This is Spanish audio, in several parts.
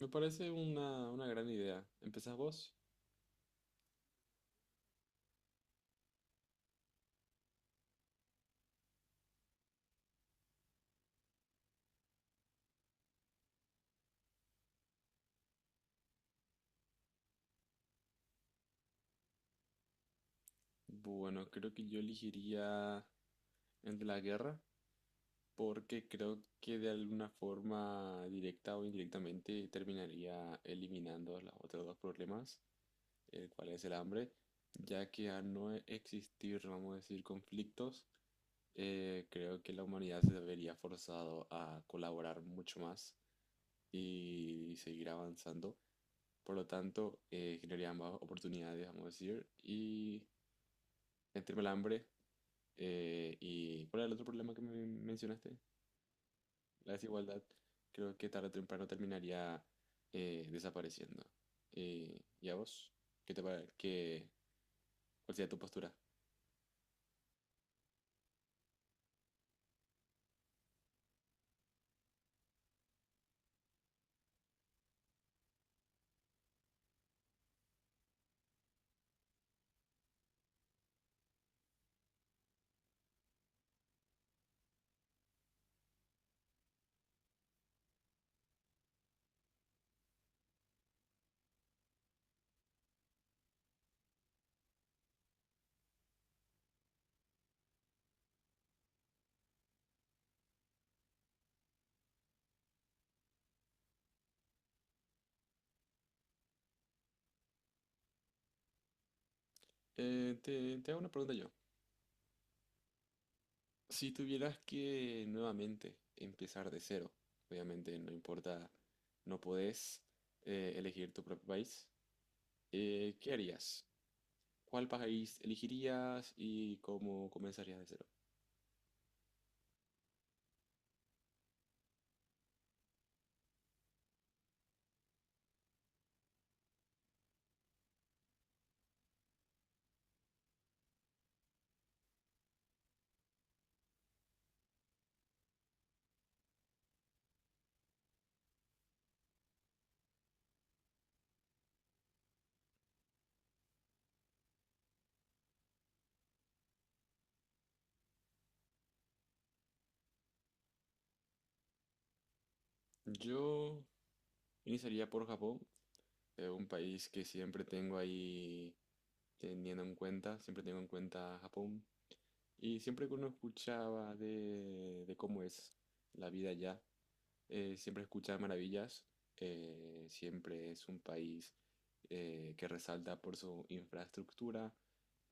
Me parece una gran idea. ¿Empezás vos? Bueno, creo que yo elegiría el de la guerra porque creo que de alguna forma directa o indirectamente terminaría eliminando los otros dos problemas, el cual es el hambre, ya que al no existir, vamos a decir, conflictos, creo que la humanidad se vería forzado a colaborar mucho más y seguir avanzando. Por lo tanto, generaría más oportunidades, vamos a decir, y entre el tema del hambre y ¿cuál era el otro problema que me mencionaste? La desigualdad. Creo que tarde o temprano terminaría desapareciendo. ¿Y a vos? ¿Qué te pare- qué- ¿Cuál sería tu postura? Te hago una pregunta yo. Si tuvieras que nuevamente empezar de cero, obviamente no importa, no podés elegir tu propio país, ¿qué harías? ¿Cuál país elegirías y cómo comenzarías de cero? Yo iniciaría por Japón, un país que siempre tengo ahí teniendo en cuenta, siempre tengo en cuenta Japón. Y siempre que uno escuchaba de cómo es la vida allá, siempre escuchaba maravillas. Siempre es un país que resalta por su infraestructura,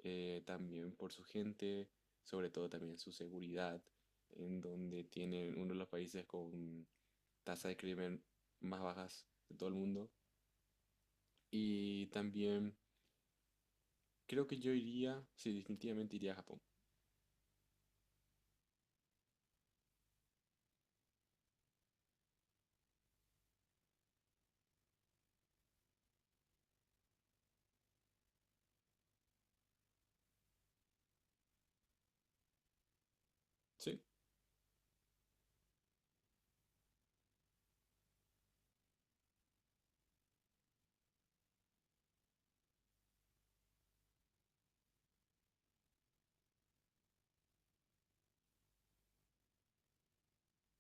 también por su gente, sobre todo también su seguridad, en donde tiene uno de los países con tasa de crimen más bajas de todo el mundo. Y también creo que yo iría, sí, definitivamente iría a Japón. Sí,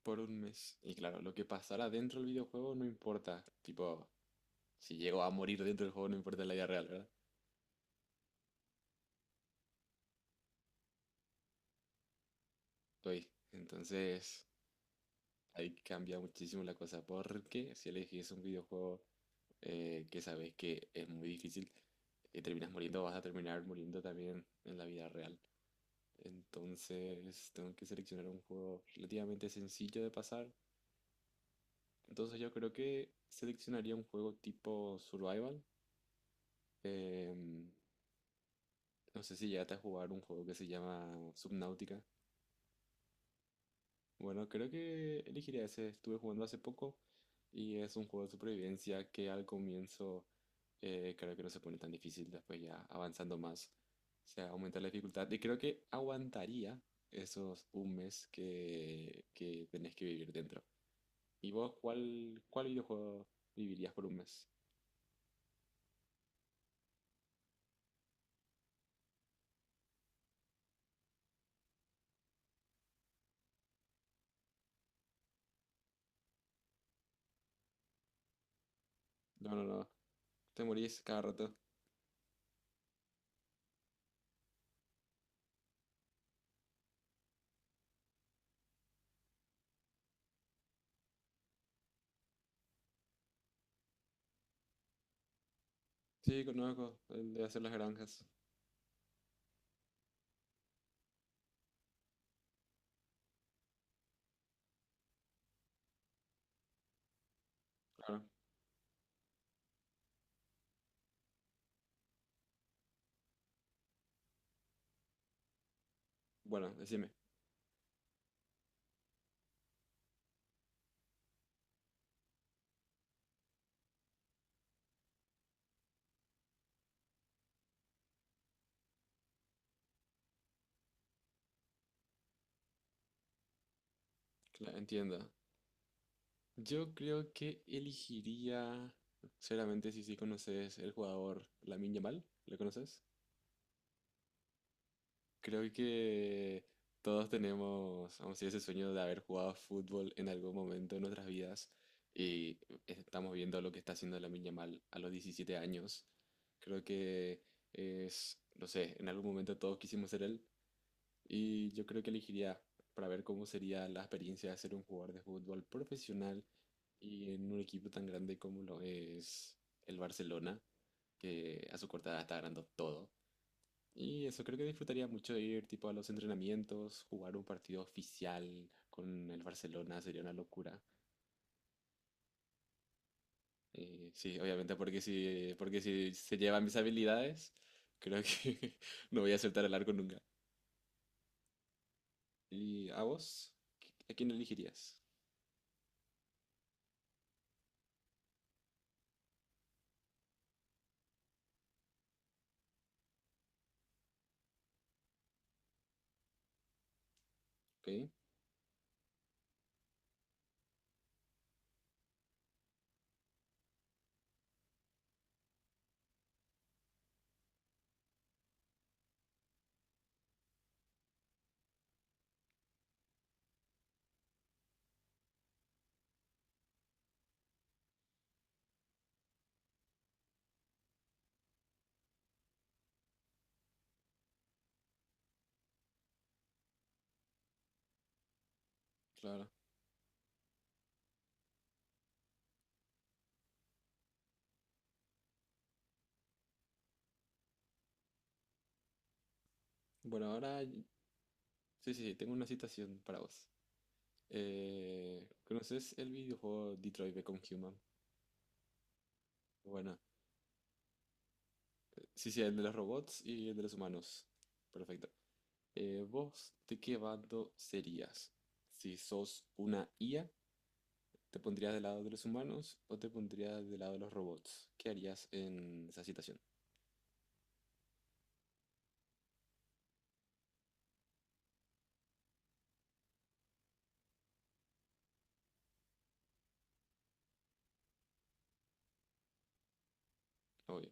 por un mes. Y claro, lo que pasará dentro del videojuego no importa. Tipo, si llego a morir dentro del juego no importa en la vida real, ¿verdad? Estoy. Entonces, ahí cambia muchísimo la cosa. Porque si elegís un videojuego que sabes que es muy difícil, que terminas muriendo, vas a terminar muriendo también en la vida real. Entonces, tengo que seleccionar un juego relativamente sencillo de pasar. Entonces yo creo que seleccionaría un juego tipo survival. Em, no sé si llegaste a jugar un juego que se llama Subnautica. Bueno, creo que elegiría ese. Estuve jugando hace poco y es un juego de supervivencia que al comienzo creo que no se pone tan difícil, después ya avanzando más se aumenta la dificultad y creo que aguantaría esos un mes que tenés que vivir dentro. ¿Y vos cuál videojuego vivirías por un mes? No, no, no. Te morís cada rato. Sí, conozco el de hacer las granjas. Claro. Bueno, decime. Claro, entiendo. Yo creo que elegiría, sinceramente, si sí conoces el jugador Lamine Yamal, ¿le conoces? Creo que todos tenemos, vamos a decir, ese sueño de haber jugado fútbol en algún momento de nuestras vidas y estamos viendo lo que está haciendo Lamine Yamal a los 17 años. Creo que es, no sé, en algún momento todos quisimos ser él. Y yo creo que elegiría para ver cómo sería la experiencia de ser un jugador de fútbol profesional y en un equipo tan grande como lo es el Barcelona, que a su corta edad está ganando todo. Y eso creo que disfrutaría mucho de ir tipo a los entrenamientos, jugar un partido oficial con el Barcelona sería una locura. Sí, obviamente porque si se llevan mis habilidades, creo que no voy a aceptar el arco nunca. ¿Y a vos? ¿A quién elegirías? Ok, claro. Bueno, ahora sí, sí, sí, tengo una citación para vos. ¿Conoces el videojuego Detroit Become Human? Bueno, sí, sí, el de los robots y el de los humanos. Perfecto. ¿Vos de qué bando serías? Si sos una IA, ¿te pondrías del lado de los humanos o te pondrías del lado de los robots? ¿Qué harías en esa situación? Obvio.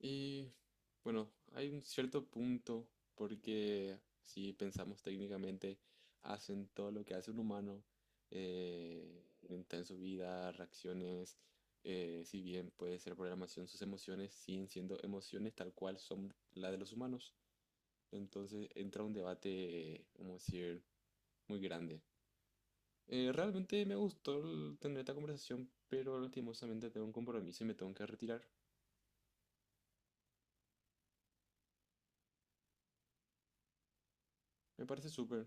Y bueno, hay un cierto punto porque si pensamos técnicamente, hacen todo lo que hace un humano en su vida, reacciones, si bien puede ser programación, sus emociones siguen siendo emociones tal cual son las de los humanos. Entonces entra un debate, como decir, muy grande. Realmente me gustó tener esta conversación, pero lastimosamente tengo un compromiso y me tengo que retirar. Me parece súper.